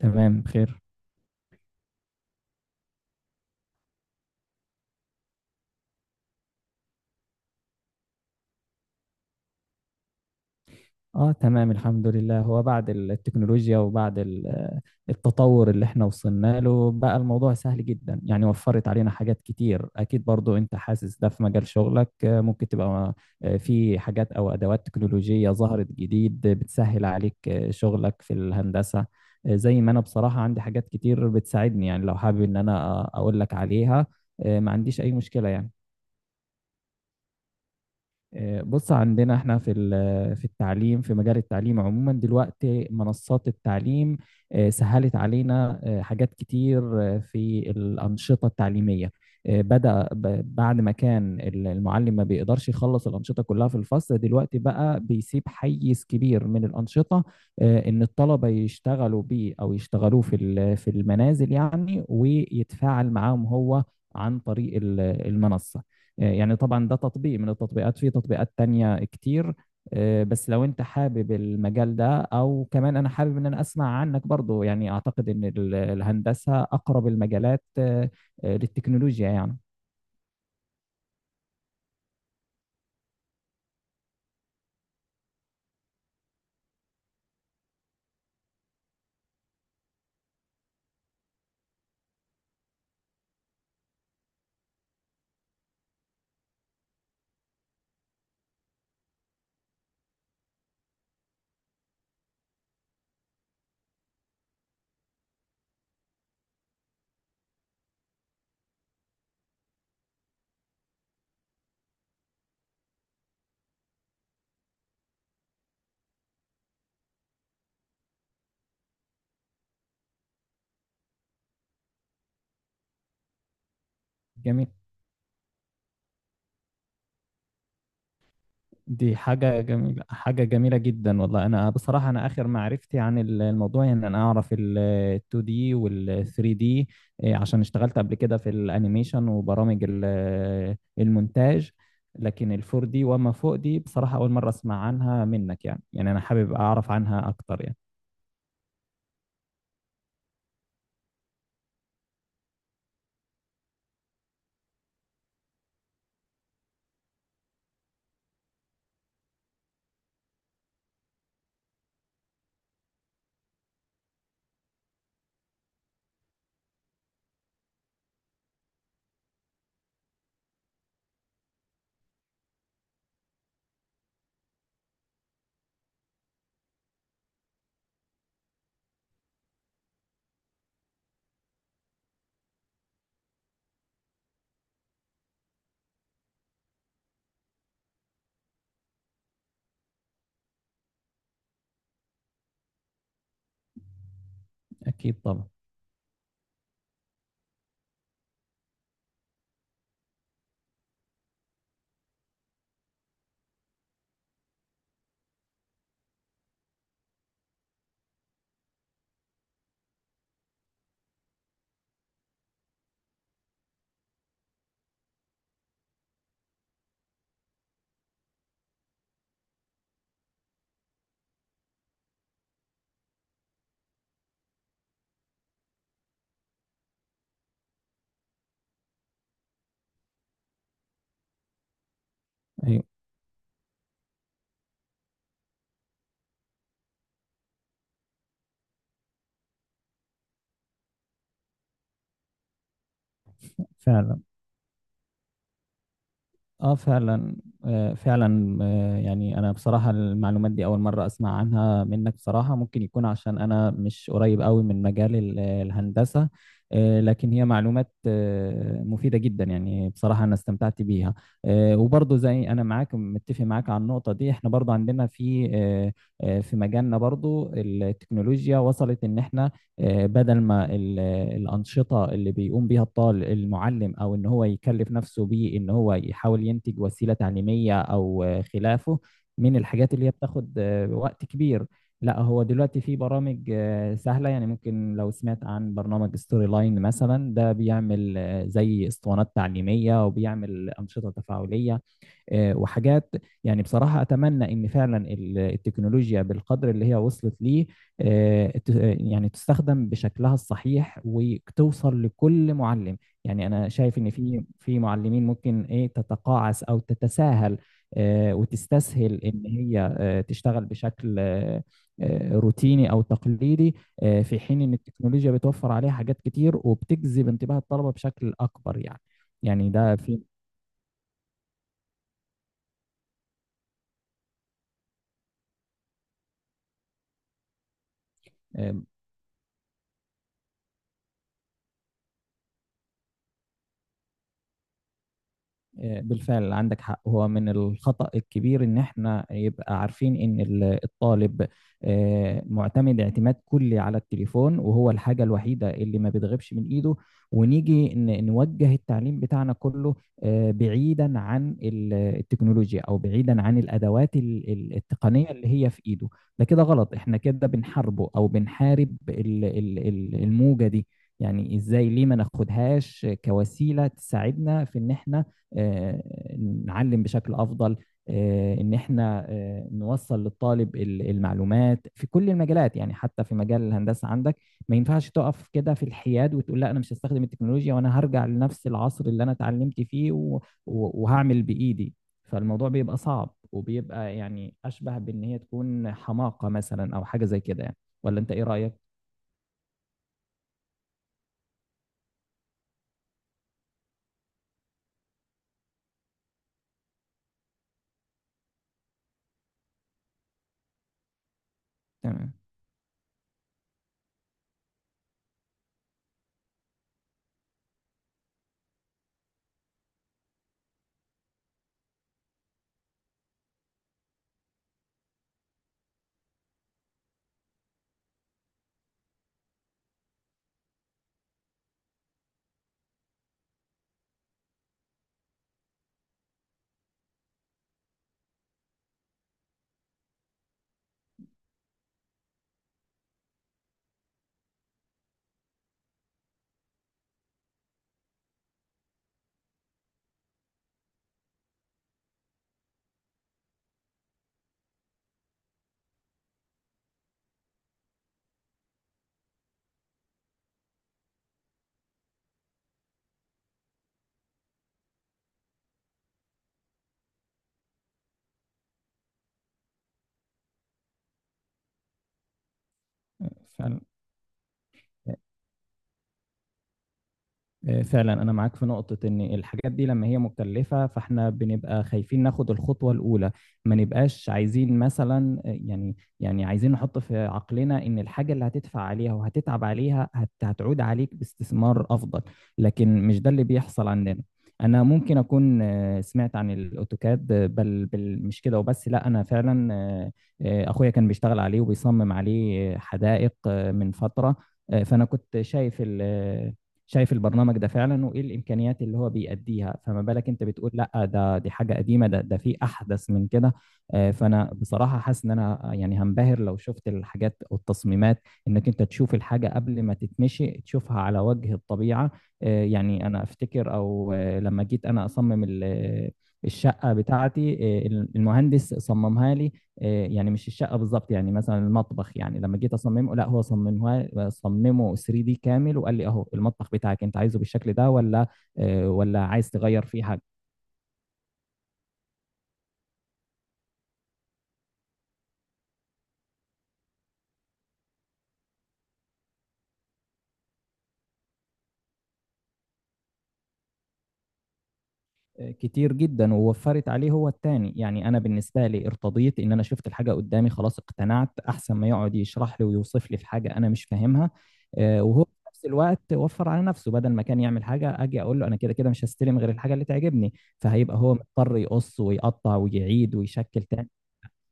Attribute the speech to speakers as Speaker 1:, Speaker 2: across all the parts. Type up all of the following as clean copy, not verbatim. Speaker 1: تمام بخير. اه تمام، الحمد لله. هو بعد التكنولوجيا وبعد التطور اللي احنا وصلنا له بقى الموضوع سهل جدا، يعني وفرت علينا حاجات كتير، اكيد برضو انت حاسس ده في مجال شغلك. ممكن تبقى في حاجات او ادوات تكنولوجية ظهرت جديد بتسهل عليك شغلك في الهندسة. زي ما انا بصراحة عندي حاجات كتير بتساعدني، يعني لو حابب ان انا اقول لك عليها ما عنديش اي مشكلة يعني. بص عندنا احنا في في التعليم، في مجال التعليم عموما دلوقتي منصات التعليم سهلت علينا حاجات كتير في الأنشطة التعليمية. بدأ بعد ما كان المعلم ما بيقدرش يخلص الأنشطة كلها في الفصل، دلوقتي بقى بيسيب حيز كبير من الأنشطة إن الطلبة يشتغلوا بيه أو يشتغلوه في في المنازل، يعني، ويتفاعل معاهم هو عن طريق المنصة يعني. طبعا ده تطبيق من التطبيقات، في تطبيقات تانية كتير. بس لو انت حابب المجال ده، او كمان انا حابب ان انا اسمع عنك برضو، يعني اعتقد ان الهندسة اقرب المجالات للتكنولوجيا يعني. جميل. دي حاجة جميلة، حاجة جميلة جدا والله. أنا بصراحة أنا آخر معرفتي عن الموضوع يعني إن أنا أعرف ال 2D وال 3D، عشان اشتغلت قبل كده في الأنيميشن وبرامج المونتاج لكن ال 4D وما فوق دي بصراحة أول مرة أسمع عنها منك، يعني أنا حابب أعرف عنها أكتر يعني. أكيد طبعا. أيوه. فعلا. اه فعلا. آه فعلا. يعني انا بصراحة المعلومات دي اول مرة اسمع عنها منك، بصراحة ممكن يكون عشان انا مش قريب قوي من مجال الهندسة لكن هي معلومات مفيدة جدا، يعني بصراحة انا استمتعت بيها. وبرضه زي انا معاك، متفق معاك على النقطة دي. احنا برضه عندنا في في مجالنا برضه التكنولوجيا وصلت ان احنا بدل ما الأنشطة اللي بيقوم بيها الطالب المعلم، أو إن هو يكلف نفسه بيه، إن هو يحاول ينتج وسيلة تعليمية أو خلافه من الحاجات اللي هي بتاخد وقت كبير. لا، هو دلوقتي في برامج سهلة يعني ممكن لو سمعت عن برنامج ستوري لاين مثلا، ده بيعمل زي اسطوانات تعليمية، وبيعمل أنشطة تفاعلية وحاجات يعني بصراحة أتمنى إن فعلا التكنولوجيا بالقدر اللي هي وصلت ليه آه، ت- يعني تستخدم بشكلها الصحيح، وتوصل لكل معلم. يعني أنا شايف إن في معلمين ممكن تتقاعس أو تتساهل وتستسهل إن هي تشتغل بشكل روتيني أو تقليدي، في حين إن التكنولوجيا بتوفر عليها حاجات كتير، وبتجذب انتباه الطلبة بشكل أكبر يعني. يعني ده في. آه، بالفعل عندك حق، هو من الخطأ الكبير ان احنا يبقى عارفين ان الطالب معتمد اعتماد كلي على التليفون، وهو الحاجة الوحيدة اللي ما بتغيبش من ايده، ونيجي نوجه التعليم بتاعنا كله بعيدا عن التكنولوجيا او بعيدا عن الادوات التقنية اللي هي في ايده. ده كده غلط، احنا كده بنحاربه او بنحارب الموجة دي. يعني ازاي؟ ليه ما ناخدهاش كوسيلة تساعدنا في ان احنا آه، نعلم بشكل افضل، ان احنا نوصل للطالب المعلومات في كل المجالات، يعني حتى في مجال الهندسه عندك ما ينفعش تقف كده في الحياد وتقول لا انا مش هستخدم التكنولوجيا، وانا هرجع لنفس العصر اللي انا اتعلمت فيه وهعمل بايدي. فالموضوع بيبقى صعب، وبيبقى يعني اشبه بان هي تكون حماقه مثلا او حاجه زي كده يعني. ولا انت ايه رايك؟ تمام. فعلا. فعلا انا معاك في نقطة، ان الحاجات دي لما هي مكلفة فاحنا بنبقى خايفين ناخد الخطوة الاولى. ما نبقاش عايزين مثلا يعني عايزين نحط في عقلنا ان الحاجة اللي هتدفع عليها وهتتعب عليها هتعود عليك باستثمار افضل، لكن مش ده اللي بيحصل عندنا. انا ممكن اكون سمعت عن الاوتوكاد بل مش كده وبس، لا انا فعلا اخويا كان بيشتغل عليه وبيصمم عليه حدائق من فترة. فانا كنت شايف البرنامج ده فعلا، وايه الامكانيات اللي هو بيأديها؟ فما بالك انت بتقول لا دي حاجه قديمه، ده في احدث من كده. فانا بصراحه حاسس ان انا يعني هنبهر لو شفت الحاجات والتصميمات، انك انت تشوف الحاجه قبل ما تتمشي تشوفها على وجه الطبيعه. يعني انا افتكر او لما جيت انا اصمم الشقه بتاعتي، آه، المهندس صممها لي، يعني مش الشقه بالظبط، يعني مثلا المطبخ، يعني لما جيت اصممه لا هو صممه 3 دي كامل، وقال لي اهو المطبخ بتاعك، انت عايزه بالشكل ده، ولا ولا عايز تغير فيه حاجه؟ كتير جدا، ووفرت عليه هو التاني، يعني انا بالنسبه لي ارتضيت ان انا شفت الحاجه قدامي، خلاص اقتنعت، احسن ما يقعد يشرح لي ويوصف لي في حاجه انا مش فاهمها. وهو في نفس الوقت وفر على نفسه، بدل ما كان يعمل حاجه اجي اقول له انا كده كده مش هستلم غير الحاجه اللي تعجبني، فهيبقى هو مضطر يقص ويقطع ويعيد ويشكل تاني.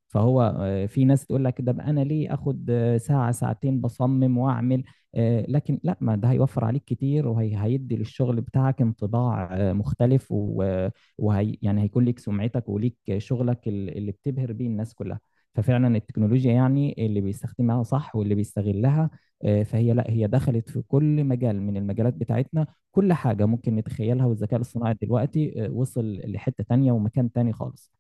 Speaker 1: فهو في ناس تقول لك ده بقى، انا ليه اخد ساعة ساعتين بصمم واعمل، لكن لا، ما ده هيوفر عليك كتير، وهيدي للشغل بتاعك انطباع مختلف وهي يعني هيكون ليك سمعتك وليك شغلك اللي بتبهر بيه الناس كلها. ففعلا التكنولوجيا يعني اللي بيستخدمها صح، واللي بيستغلها فهي لا هي دخلت في كل مجال من المجالات بتاعتنا، كل حاجة ممكن نتخيلها، والذكاء الصناعي دلوقتي وصل لحتة تانية ومكان تاني خالص.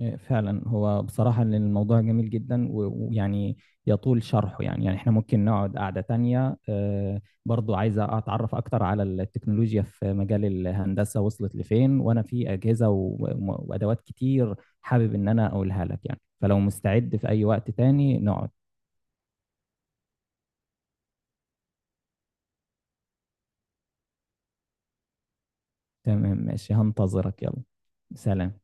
Speaker 1: فعلا هو بصراحة إن الموضوع جميل جدا، ويعني يطول شرحه، يعني احنا ممكن نقعد قعدة تانية. برضو عايزة أتعرف أكتر على التكنولوجيا في مجال الهندسة، وصلت لفين، وأنا في أجهزة وأدوات كتير حابب إن أنا أقولها لك يعني، فلو مستعد في أي وقت تاني نقعد. تمام ماشي، هنتظرك يلا. سلام.